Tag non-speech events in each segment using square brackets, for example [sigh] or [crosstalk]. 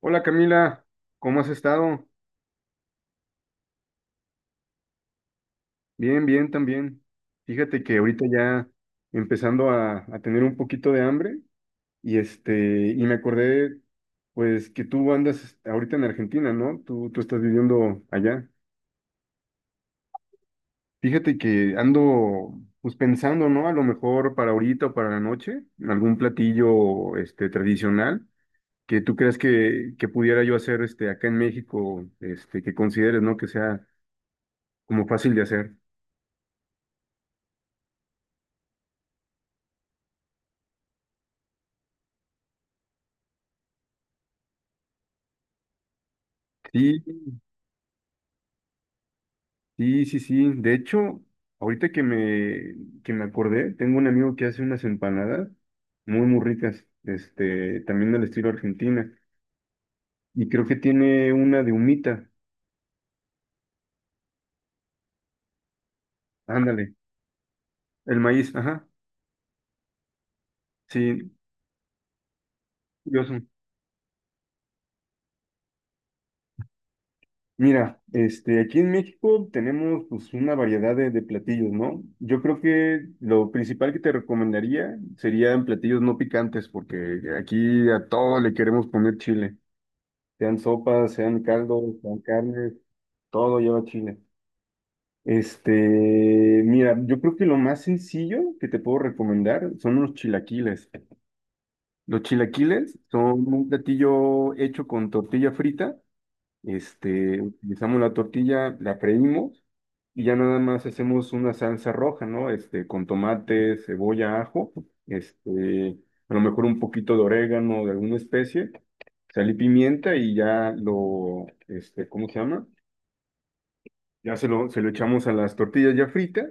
Hola Camila, ¿cómo has estado? Bien, bien también. Fíjate que ahorita ya empezando a tener un poquito de hambre y y me acordé pues que tú andas ahorita en Argentina, ¿no? Tú estás viviendo allá. Fíjate que ando pues pensando, ¿no? A lo mejor para ahorita o para la noche, algún platillo este tradicional que tú creas que pudiera yo hacer este acá en México, que consideres, ¿no? Que sea como fácil de hacer. Sí, sí, sí, sí. De hecho, ahorita que me, que me acordé, tengo un amigo que hace unas empanadas muy, muy ricas, también del estilo argentina. Y creo que tiene una de humita. Ándale, el maíz, ajá. Sí, curioso. Mira, aquí en México tenemos pues una variedad de platillos, ¿no? Yo creo que lo principal que te recomendaría serían platillos no picantes, porque aquí a todo le queremos poner chile. Sean sopas, sean caldos, sean carnes, todo lleva chile. Este, mira, yo creo que lo más sencillo que te puedo recomendar son los chilaquiles. Los chilaquiles son un platillo hecho con tortilla frita. Utilizamos la tortilla, la freímos y ya nada más hacemos una salsa roja, ¿no? Con tomate, cebolla, ajo, este, a lo mejor un poquito de orégano, de alguna especie, sal y pimienta y ya ¿cómo se llama? Ya se lo echamos a las tortillas ya fritas,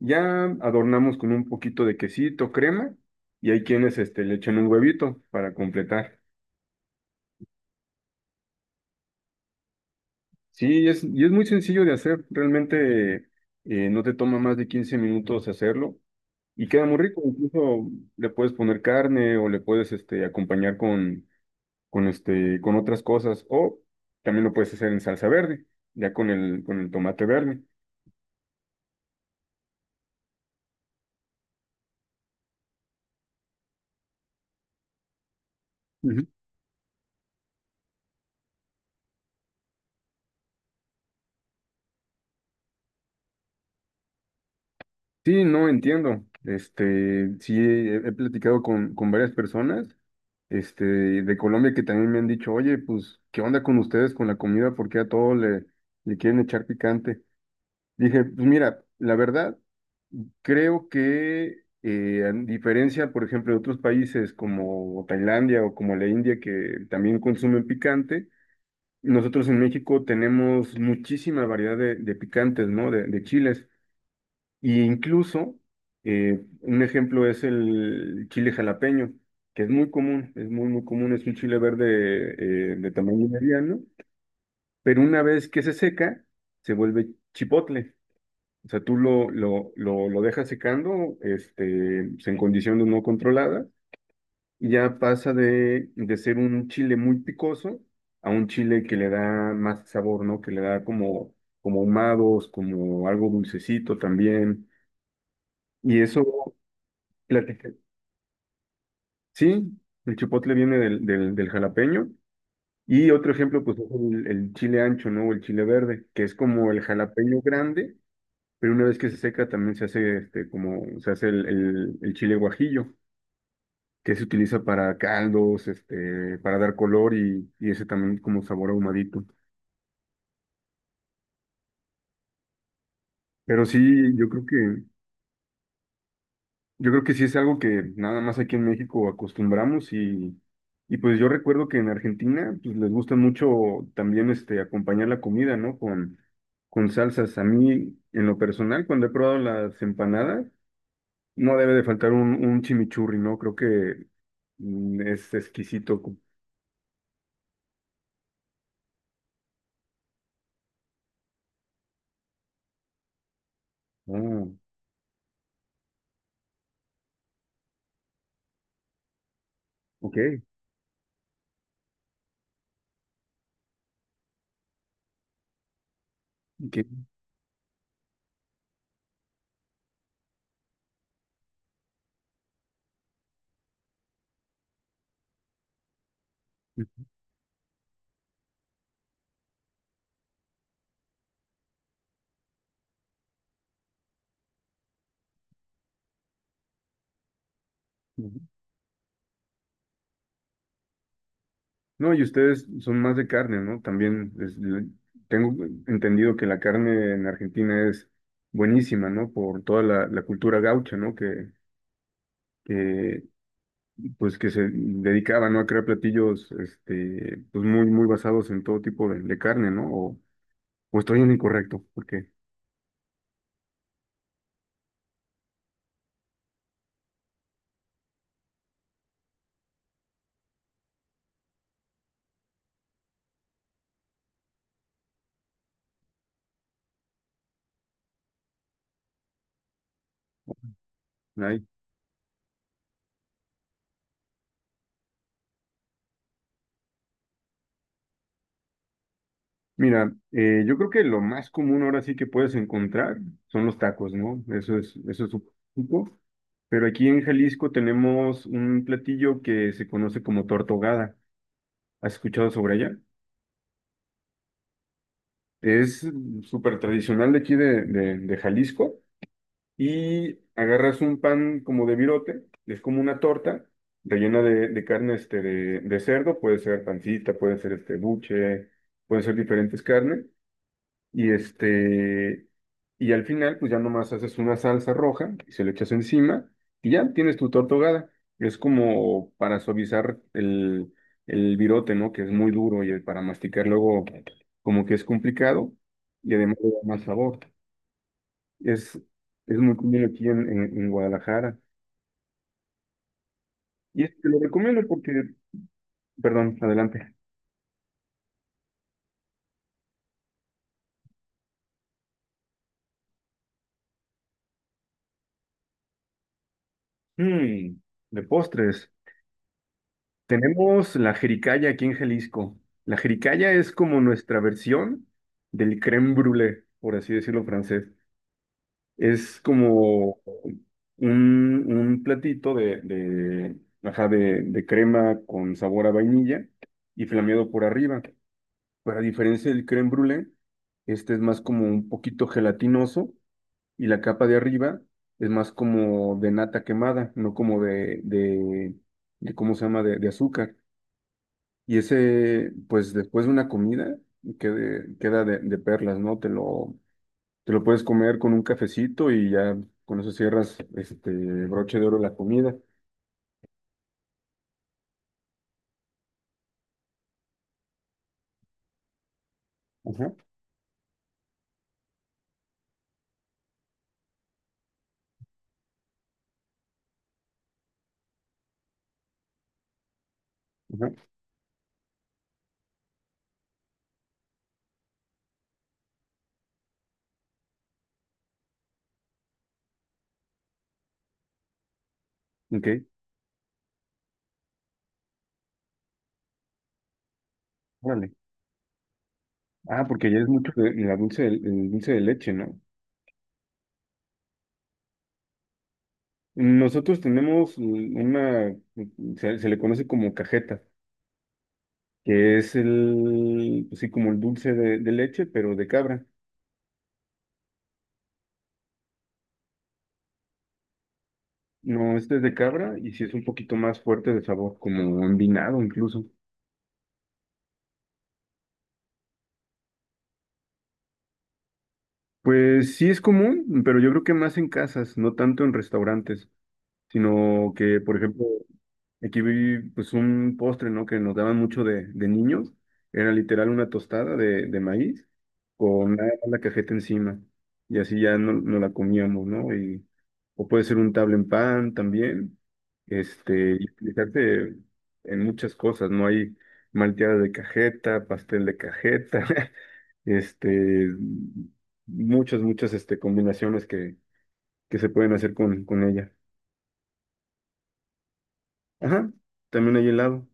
ya adornamos con un poquito de quesito, crema, y hay quienes, le echan un huevito para completar. Sí, y es muy sencillo de hacer, realmente no te toma más de 15 minutos hacerlo. Y queda muy rico, incluso le puedes poner carne o le puedes acompañar con, con otras cosas. O también lo puedes hacer en salsa verde, ya con el tomate verde. Ujú. Sí, no entiendo. Sí, he platicado con varias personas, este, de Colombia que también me han dicho, oye, pues, ¿qué onda con ustedes con la comida? Porque a todo le quieren echar picante. Dije, pues mira, la verdad, creo que a diferencia, por ejemplo, de otros países como Tailandia o como la India, que también consumen picante, nosotros en México tenemos muchísima variedad de picantes, ¿no? De chiles. Y incluso, un ejemplo es el chile jalapeño, que es muy común, es muy, muy común, es un chile verde de tamaño mediano, pero una vez que se seca, se vuelve chipotle. O sea, tú lo dejas secando, pues, en condiciones no controladas, y ya pasa de ser un chile muy picoso a un chile que le da más sabor, ¿no? Que le da como, como ahumados, como algo dulcecito también. Y eso, sí, el chipotle viene del jalapeño. Y otro ejemplo, pues, es el chile ancho, ¿no? O el chile verde, que es como el jalapeño grande, pero una vez que se seca también se hace se hace el chile guajillo, que se utiliza para caldos, para dar color y ese también como sabor ahumadito. Pero sí, yo creo que yo creo que sí es algo que nada más aquí en México acostumbramos y pues yo recuerdo que en Argentina pues les gusta mucho también este acompañar la comida, ¿no? Con salsas. A mí, en lo personal, cuando he probado las empanadas, no debe de faltar un chimichurri, ¿no? Creo que es exquisito. Ah, ok, ok. No, y ustedes son más de carne, ¿no? Tengo entendido que la carne en Argentina es buenísima, ¿no? Por toda la, la cultura gaucha, ¿no? Que, pues que se dedicaba, ¿no? A crear platillos, pues muy, muy basados en todo tipo de carne, ¿no? O estoy en lo incorrecto, porque hay. Mira, yo creo que lo más común ahora sí que puedes encontrar son los tacos, ¿no? Eso es un poco. Pero aquí en Jalisco tenemos un platillo que se conoce como tortogada. ¿Has escuchado sobre ella? Es súper tradicional de aquí de Jalisco. Y agarras un pan como de virote, es como una torta rellena de carne de cerdo, puede ser pancita, puede ser este buche, pueden ser diferentes carnes. Y este, y al final, pues ya nomás haces una salsa roja y se lo echas encima y ya tienes tu torta ahogada. Es como para suavizar el virote, ¿no? Que es muy duro y para masticar luego como que es complicado y además le da más sabor. Es, es muy común aquí en Guadalajara. Y te lo recomiendo porque, perdón, adelante. Mm, de postres. Tenemos la jericaya aquí en Jalisco. La jericaya es como nuestra versión del crème brûlée, por así decirlo francés. Es como un platito ajá, de crema con sabor a vainilla y flameado por arriba. Pero a diferencia del crème brûlée, este es más como un poquito gelatinoso y la capa de arriba es más como de nata quemada, no como de ¿cómo se llama?, de azúcar. Y ese, pues después de una comida, queda de perlas, ¿no? Te lo puedes comer con un cafecito y ya con eso cierras este broche de oro la comida. Ajá, ajá. Ok, órale. Ah, porque ya es mucho el dulce de leche, ¿no? Nosotros tenemos se, se le conoce como cajeta, que es el, pues sí, como el dulce de leche, pero de cabra. No, este es de cabra y sí es un poquito más fuerte de sabor, como envinado incluso. Pues sí es común, pero yo creo que más en casas, no tanto en restaurantes, sino que, por ejemplo, aquí vi pues un postre, ¿no? Que nos daban mucho de niños. Era literal una tostada de maíz con nada más la cajeta encima. Y así ya no, no la comíamos, ¿no? Y, o puede ser un tabla en pan también. Y utilizarse en muchas cosas, ¿no? Hay malteadas de cajeta, pastel de cajeta, [laughs] este, muchas, muchas combinaciones que se pueden hacer con ella. Ajá, también hay helado.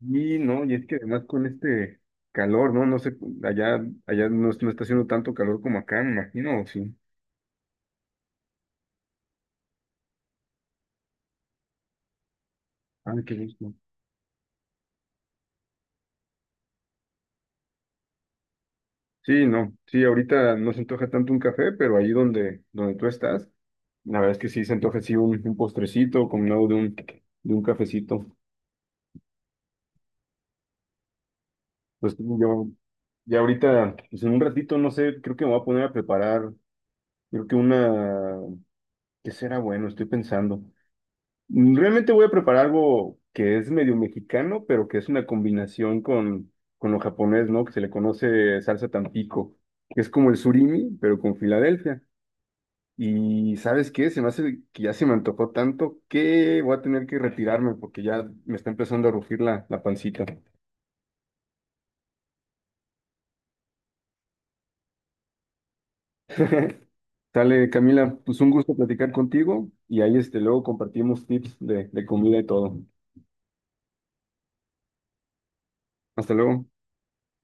Y no, y es que además con este calor, ¿no? No sé, allá, allá no, no está haciendo tanto calor como acá, me imagino, ¿o sí? Ah, qué gusto. Sí, no, sí, ahorita no se antoja tanto un café, pero ahí donde, donde tú estás, la verdad es que sí se antoja así un postrecito combinado de un cafecito. Pues yo, ya ahorita, pues en un ratito, no sé, creo que me voy a poner a preparar, creo que una, ¿qué será bueno? Estoy pensando. Realmente voy a preparar algo que es medio mexicano, pero que es una combinación con lo japonés, ¿no? Que se le conoce salsa Tampico, que es como el surimi, pero con Filadelfia. Y ¿sabes qué? Se me hace que ya se me antojó tanto que voy a tener que retirarme porque ya me está empezando a rugir la, la pancita. [laughs] Sale, Camila, pues un gusto platicar contigo y ahí luego compartimos tips de comida y todo. Hasta luego.